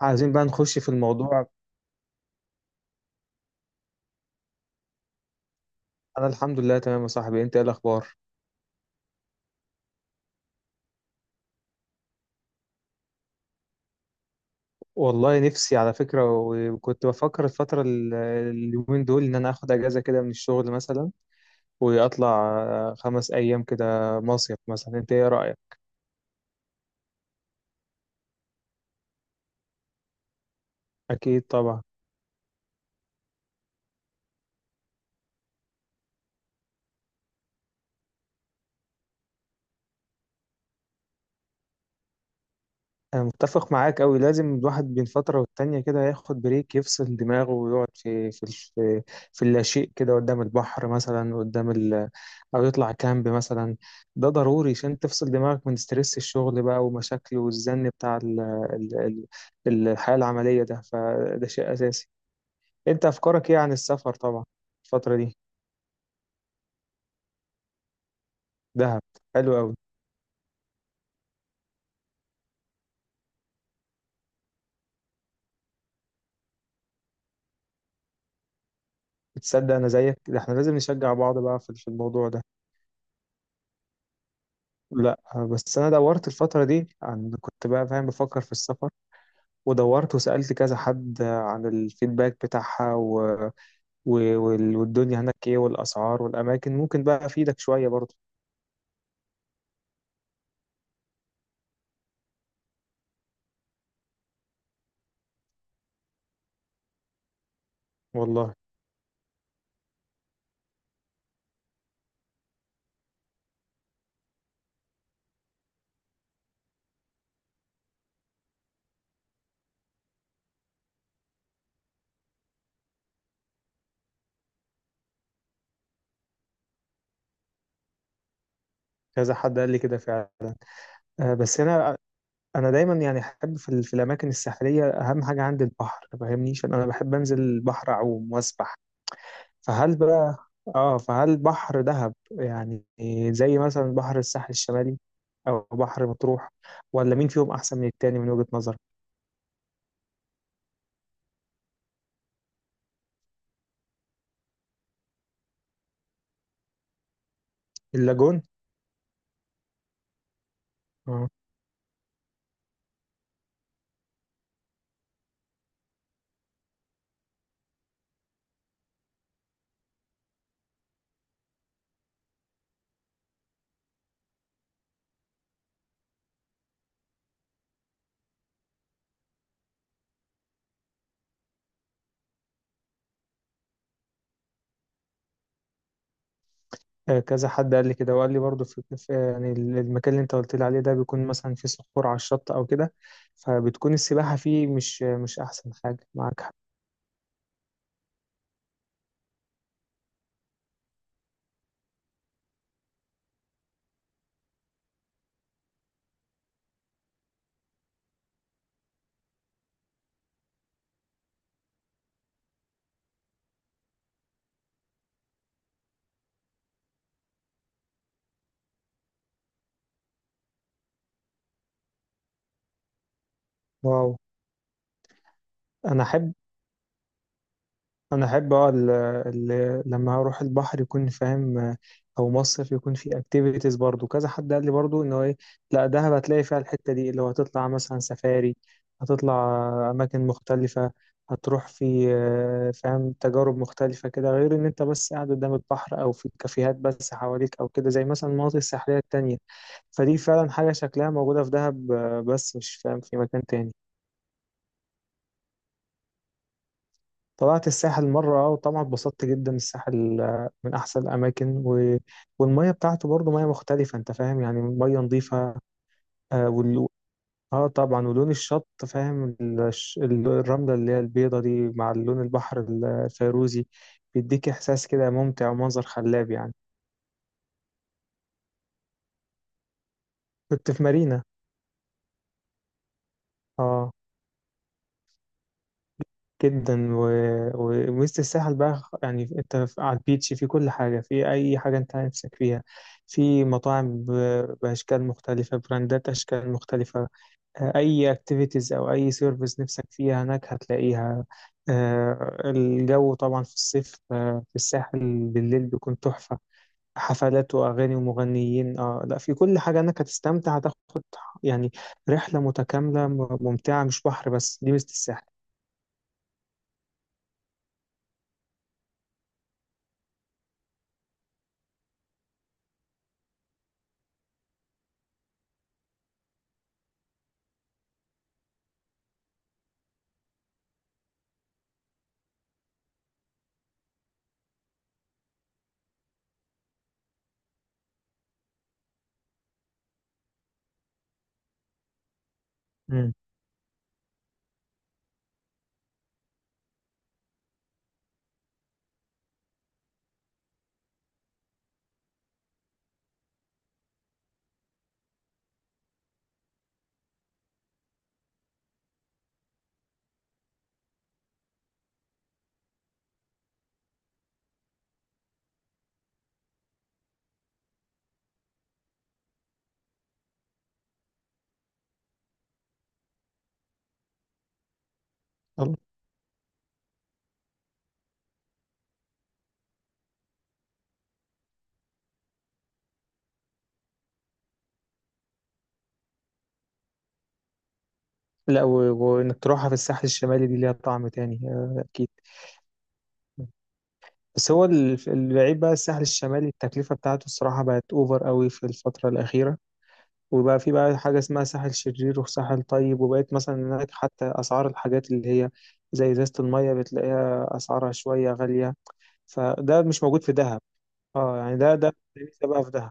عايزين بقى نخش في الموضوع. انا الحمد لله تمام يا صاحبي. انت ايه الاخبار؟ والله نفسي على فكره. وكنت بفكر الفتره اليومين دول، ان انا اخد اجازه كده من الشغل مثلا، واطلع 5 ايام كده، مصيف مثلا. انت ايه رايك؟ اكيد طبعا. أنا متفق معاك أوي، لازم الواحد بين فترة والتانية كده ياخد بريك، يفصل دماغه ويقعد في اللاشيء كده قدام البحر مثلا، قدام ال أو يطلع كامب مثلا. ده ضروري عشان تفصل دماغك من ستريس الشغل بقى ومشاكل والزن بتاع ال ال ال الحياة العملية، ده فده شيء أساسي. أنت أفكارك إيه عن السفر طبعا الفترة دي؟ دهب، حلو أوي. بتصدق أنا زيك، ده إحنا لازم نشجع بعض بقى في الموضوع ده. لا، بس انا دورت الفتره دي، عن كنت بقى فاهم بفكر في السفر، ودورت وسالت كذا حد عن الفيدباك بتاعها و... والدنيا هناك ايه والاسعار والاماكن، ممكن بقى افيدك شويه برضه. والله، كذا حد قال لي كده فعلا. بس انا دايما يعني احب في الاماكن الساحليه، اهم حاجه عندي البحر، ما فاهمنيش، انا بحب انزل البحر اعوم واسبح. فهل بقى، اه فهل بحر دهب يعني زي مثلا بحر الساحل الشمالي او بحر مطروح؟ ولا مين فيهم احسن من التاني من وجهة نظرك؟ اللاجون. اه. كذا حد قال لي كده، وقال لي برضو يعني المكان اللي انت قلت لي عليه ده بيكون مثلا فيه صخور على الشط او كده، فبتكون السباحة فيه مش احسن حاجة، معاك حق. واو. انا احب انا احب اه ال- ال- لما اروح البحر يكون فاهم، او مصيف، يكون في اكتيفيتيز. برضو كذا حد قال لي برضو انه ايه، لا دهب هتلاقي فيها الحته دي اللي هو هتطلع مثلا سفاري، هتطلع اماكن مختلفه، هتروح في فاهم تجارب مختلفه كده، غير ان انت بس قاعد قدام البحر او في كافيهات بس حواليك او كده، زي مثلا المناطق الساحليه التانية. فدي فعلا حاجه شكلها موجوده في دهب، بس مش فاهم في مكان تاني. طلعت الساحل مرة، وطبعا اتبسطت جدا. الساحل من أحسن الأماكن، والمية بتاعته برضه مية مختلفة، أنت فاهم يعني مية نظيفة. آه, وال... آه طبعا، ولون الشط فاهم الرملة اللي هي البيضة دي مع لون البحر الفيروزي، بيديك إحساس كده ممتع ومنظر خلاب يعني. كنت في مارينا. آه، جدا، ووسط الساحل بقى يعني، انت على البيتش، في كل حاجة، في أي حاجة انت نفسك فيها، في مطاعم بأشكال مختلفة، براندات أشكال مختلفة. أي اكتيفيتيز أو أي سيرفيس نفسك فيها هناك هتلاقيها. الجو طبعا في الصيف في الساحل بالليل بيكون تحفة. حفلات وأغاني ومغنيين، اه لا، في كل حاجة. انك هتستمتع، هتاخد يعني رحلة متكاملة ممتعة، مش بحر بس، دي ميزة الساحل. مم. لا، وانك تروحها في الساحل الشمالي دي ليها طعم تاني، اكيد. بس هو البعيد بقى، الساحل الشمالي التكلفة بتاعته الصراحة بقت اوفر قوي في الفترة الأخيرة. وبقى في بقى حاجة اسمها ساحل شرير وساحل طيب، وبقيت مثلا هناك حتى أسعار الحاجات اللي هي زي إزازة المية بتلاقيها أسعارها شوية غالية. فده مش موجود في دهب. اه يعني ده لسه بقى في دهب.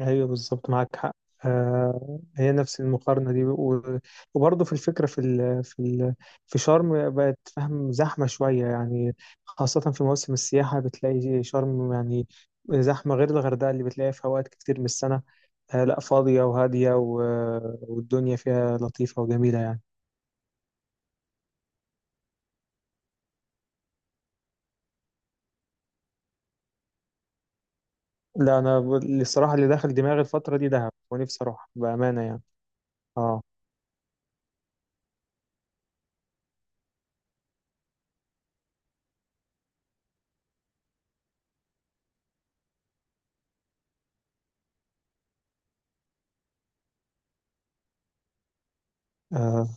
ايوه بالظبط، معاك حق. آه، هي نفس المقارنه دي، وبرضه في الفكره، في شرم، بقت فاهم زحمه شويه يعني. خاصه في موسم السياحه بتلاقي شرم يعني زحمه، غير الغردقه اللي بتلاقيها في اوقات كتير من السنه. آه لا، فاضيه وهاديه، والدنيا فيها لطيفه وجميله يعني. لا، الصراحه اللي داخل دماغي الفتره دي دهب، ونفسي اروح بامانه يعني. اه. آه،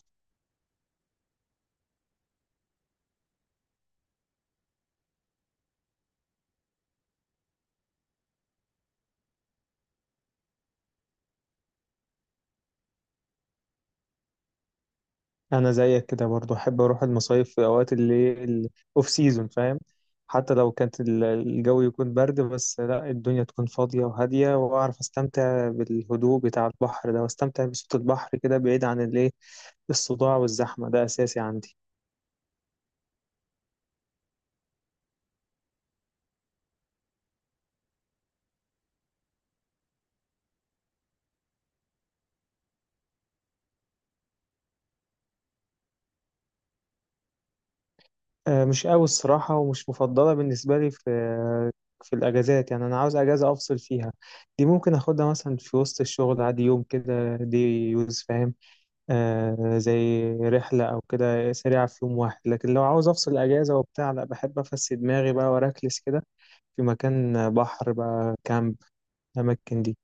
انا زيك كده برضو، احب اروح المصايف في اوقات اللي الاوف سيزون فاهم. حتى لو كانت الجو يكون برد، بس لا الدنيا تكون فاضية وهادية، واعرف استمتع بالهدوء بتاع البحر ده، واستمتع بصوت البحر كده بعيد عن الايه، الصداع والزحمة، ده اساسي عندي. مش قوي الصراحة، ومش مفضلة بالنسبة لي في الاجازات، يعني انا عاوز اجازة افصل فيها. دي ممكن اخدها مثلا في وسط الشغل عادي يوم كده، دي يوز فاهم، زي رحلة أو كده سريعة في يوم واحد، لكن لو عاوز أفصل أجازة وبتاع لا، بحب أفسد دماغي بقى وأركلس كده في مكان بحر بقى، كامب، الأماكن دي.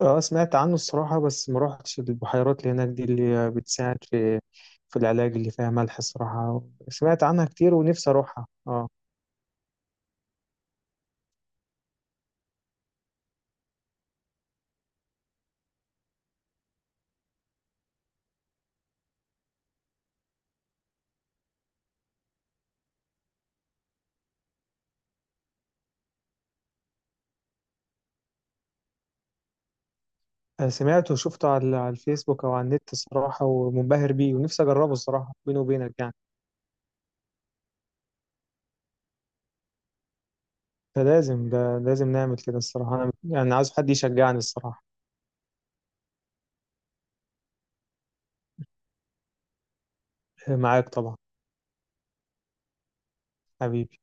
اه سمعت عنه الصراحة، بس ما روحتش البحيرات اللي هناك دي اللي بتساعد في العلاج اللي فيها ملح الصراحة. سمعت عنها كتير ونفسي أروحها، اه. سمعته وشفته على الفيسبوك أو على النت الصراحة، ومنبهر بيه ونفسي أجربه الصراحة، بيني وبينك يعني. فلازم، ده لازم نعمل كده الصراحة. أنا يعني عايز حد يشجعني الصراحة. معاك طبعا. حبيبي.